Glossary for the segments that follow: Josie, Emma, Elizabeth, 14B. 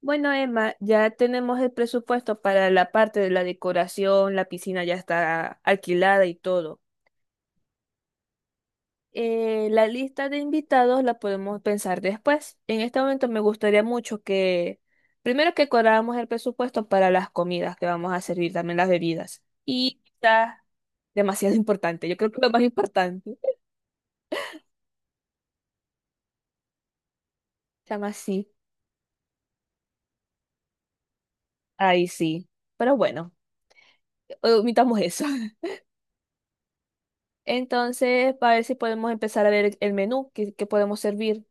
Bueno, Emma, ya tenemos el presupuesto para la parte de la decoración, la piscina ya está alquilada y todo. La lista de invitados la podemos pensar después. En este momento me gustaría mucho que, primero que cuadráramos el presupuesto para las comidas que vamos a servir, también las bebidas. Y está demasiado importante, yo creo que lo más importante. Se sí, ahí sí. Pero bueno, omitamos eso. Entonces, para ver si podemos empezar a ver el menú que podemos servir.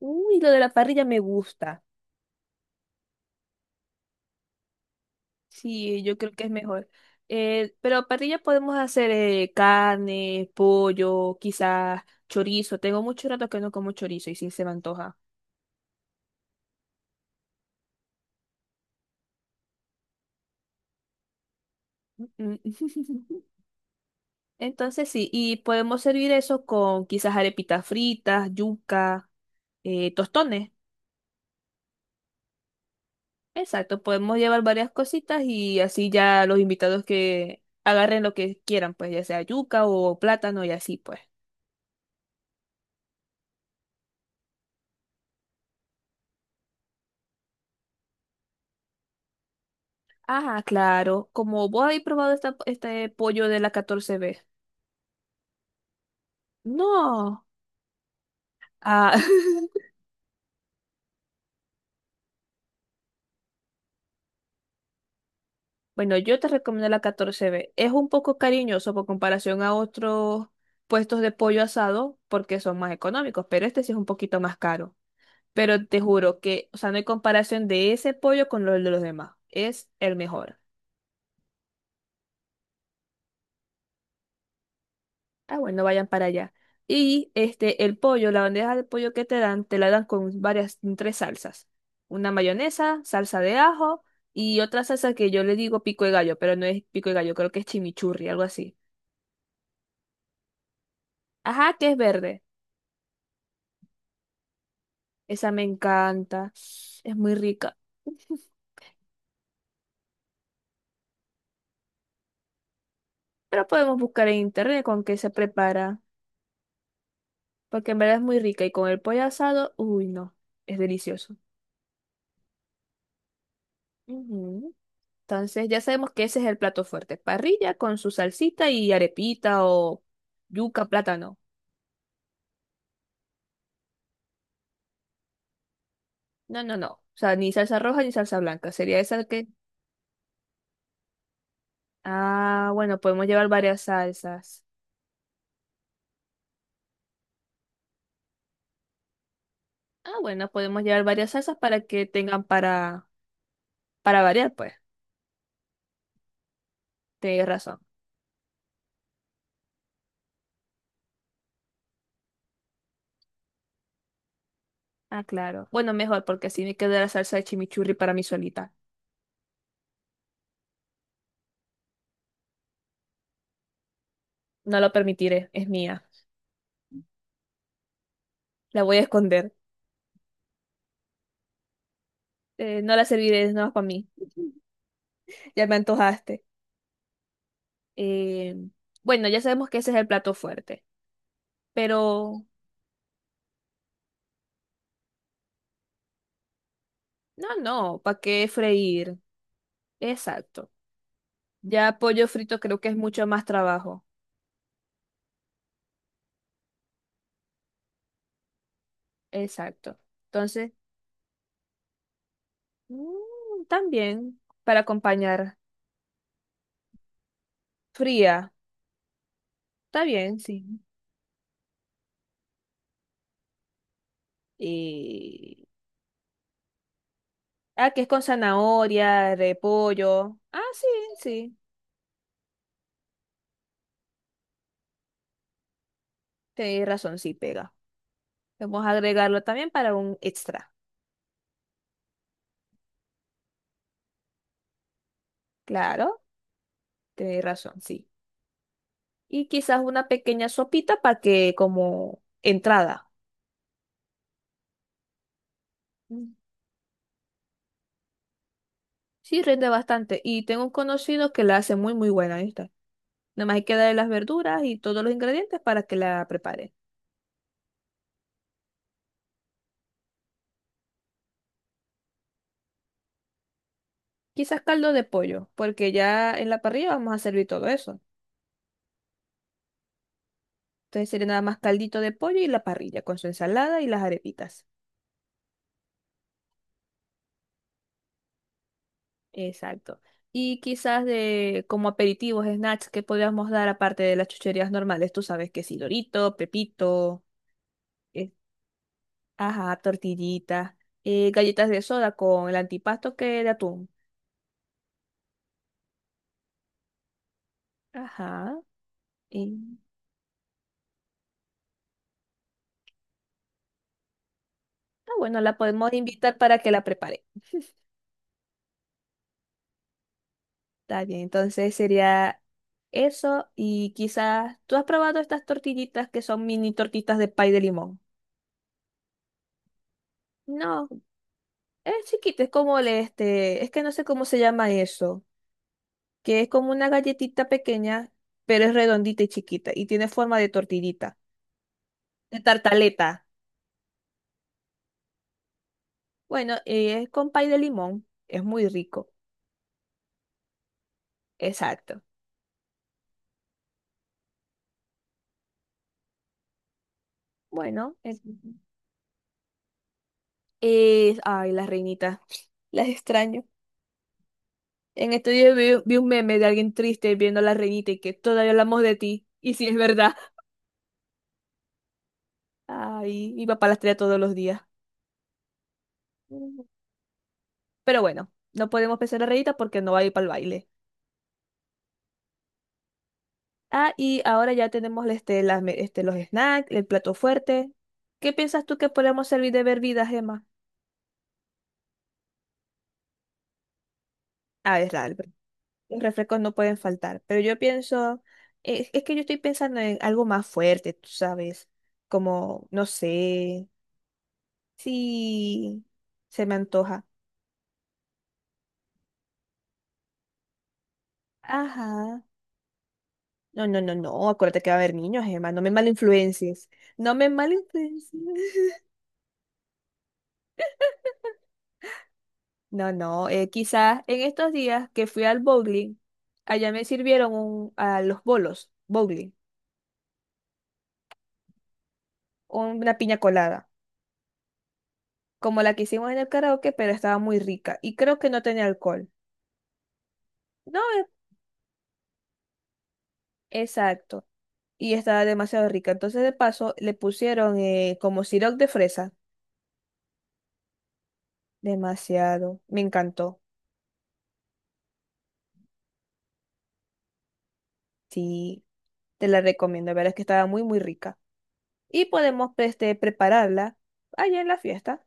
Uy, lo de la parrilla me gusta. Sí, yo creo que es mejor. Pero parrilla podemos hacer carne, pollo, quizás chorizo. Tengo mucho rato que no como chorizo y sí se me antoja. Mm. Entonces sí, y podemos servir eso con quizás arepitas fritas, yuca, tostones. Exacto, podemos llevar varias cositas y así ya los invitados que agarren lo que quieran, pues ya sea yuca o plátano y así pues. Ah, claro. Como vos habéis probado este pollo de la 14B. No. Ah, bueno, yo te recomiendo la 14B. Es un poco cariñoso por comparación a otros puestos de pollo asado porque son más económicos, pero este sí es un poquito más caro. Pero te juro que, o sea, no hay comparación de ese pollo con los de los demás. Es el mejor. Ah, bueno, vayan para allá. Y este, el pollo, la bandeja de pollo que te dan, te la dan con varias, con tres salsas. Una mayonesa, salsa de ajo y otra salsa que yo le digo pico de gallo, pero no es pico de gallo, creo que es chimichurri, algo así. Ajá, que es verde. Esa me encanta. Es muy rica. Pero podemos buscar en internet con qué se prepara, porque en verdad es muy rica y con el pollo asado, uy, no, es delicioso. Ujú. Entonces ya sabemos que ese es el plato fuerte. Parrilla con su salsita y arepita o yuca, plátano. No, no, no. O sea, ni salsa roja ni salsa blanca. Sería esa que… Ah, bueno, podemos llevar varias salsas. Ah, bueno, podemos llevar varias salsas para que tengan para variar, pues. Tienes razón. Ah, claro. Bueno, mejor porque así me queda la salsa de chimichurri para mí solita. No lo permitiré, es mía. La voy a esconder. No la serviré, no es nada para mí. Ya me antojaste. Eh, bueno, ya sabemos que ese es el plato fuerte, pero no, no, ¿para qué freír? Exacto. Ya pollo frito creo que es mucho más trabajo. Exacto. Entonces, mm, también para acompañar fría, está bien, sí. Y, ah, que es con zanahoria, repollo. Ah, sí, sí, tenéis razón, sí pega. Vamos a agregarlo también para un extra. Claro, tenéis razón, sí. Y quizás una pequeña sopita para que como entrada. Mm. Sí, rinde bastante. Y tengo un conocido que la hace muy, muy buena esta. Nada más hay que darle las verduras y todos los ingredientes para que la prepare. Quizás caldo de pollo, porque ya en la parrilla vamos a servir todo eso. Entonces sería nada más caldito de pollo y la parrilla con su ensalada y las arepitas. Exacto. Y quizás de como aperitivos, snacks que podríamos dar aparte de las chucherías normales. Tú sabes que sí, Dorito, Pepito, ajá, tortillita, galletas de soda con el antipasto que de atún. Ajá. Y ah, bueno, la podemos invitar para que la prepare. Está bien, entonces sería eso y quizás tú has probado estas tortillitas que son mini tortitas de pay de limón. No, es chiquita, es como el este, es que no sé cómo se llama eso, que es como una galletita pequeña, pero es redondita y chiquita y tiene forma de tortillita, de tartaleta. Bueno, es con pay de limón, es muy rico. Exacto. Bueno, es- ay, las reinitas, las extraño. En estos días vi un meme de alguien triste viendo a la reinita y que todavía hablamos de ti. Y sí es verdad. Ay, mi papá las trae todos los días. Mm. Pero bueno, no podemos pensar la reinita porque no va a ir para el baile. Ah, y ahora ya tenemos este, las me- este, los snacks, el plato fuerte. ¿Qué piensas tú que podemos servir de bebidas, Emma? Ah, es real. Los refrescos no pueden faltar, pero yo pienso, es que yo estoy pensando en algo más fuerte, tú sabes, como, no sé, si se me antoja. Ajá. No, no, no, no, acuérdate que va a haber niños, Emma, no me malinfluencies, no me malinfluencies. No, no, quizás en estos días que fui al bowling, allá me sirvieron un- a los bolos, bowling, una piña colada, como la que hicimos en el karaoke, pero estaba muy rica y creo que no tenía alcohol. No, exacto. Y estaba demasiado rica. Entonces, de paso, le pusieron como sirope de fresa. Demasiado. Me encantó. Sí, te la recomiendo. La verdad es que estaba muy, muy rica. Y podemos pues, este, prepararla allá en la fiesta.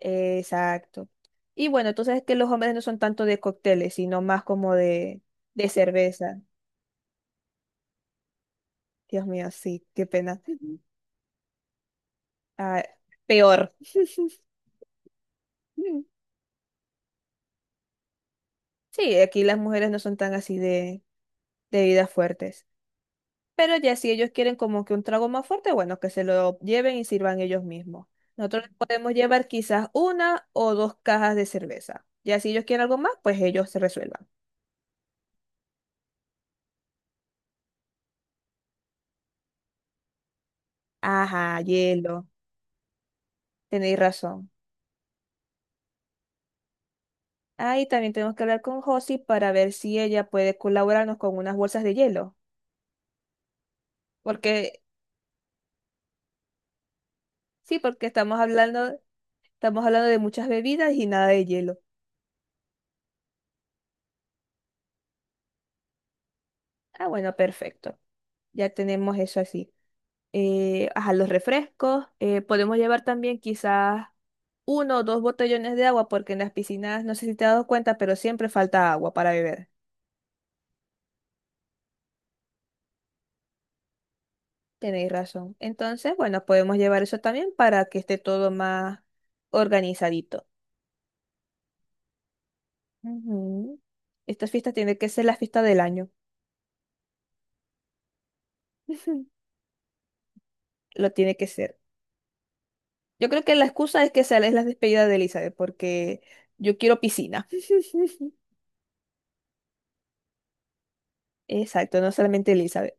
Exacto. Y bueno, entonces es que los hombres no son tanto de cócteles, sino más como de cerveza. Dios mío, sí, qué pena. Ujú. Ah, peor. Sí, aquí las mujeres no son tan así de bebidas fuertes. Pero ya si ellos quieren como que un trago más fuerte, bueno, que se lo lleven y sirvan ellos mismos. Nosotros les podemos llevar quizás una o dos cajas de cerveza. Ya si ellos quieren algo más, pues ellos se resuelvan. Ajá, hielo. Tenéis razón. Ahí también tenemos que hablar con Josie para ver si ella puede colaborarnos con unas bolsas de hielo. Porque, sí, porque estamos hablando de muchas bebidas y nada de hielo. Ah, bueno, perfecto. Ya tenemos eso así. Eh, ajá, los refrescos. Eh, podemos llevar también quizás uno o dos botellones de agua, porque en las piscinas, no sé si te has dado cuenta, pero siempre falta agua para beber. Tenéis razón. Entonces, bueno, podemos llevar eso también para que esté todo más organizadito. Ujú. Estas fiestas tienen que ser la fiesta del año. Lo tiene que ser. Yo creo que la excusa es que sea es la despedida de Elizabeth, porque yo quiero piscina. Exacto, no solamente Elizabeth.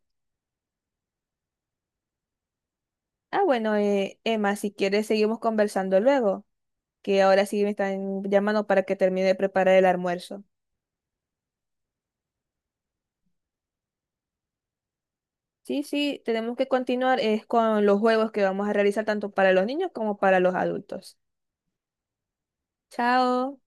Ah, bueno, Emma, si quieres seguimos conversando luego, que ahora sí me están llamando para que termine de preparar el almuerzo. Sí, sí, tenemos que continuar es con los juegos que vamos a realizar tanto para los niños como para los adultos. Chao.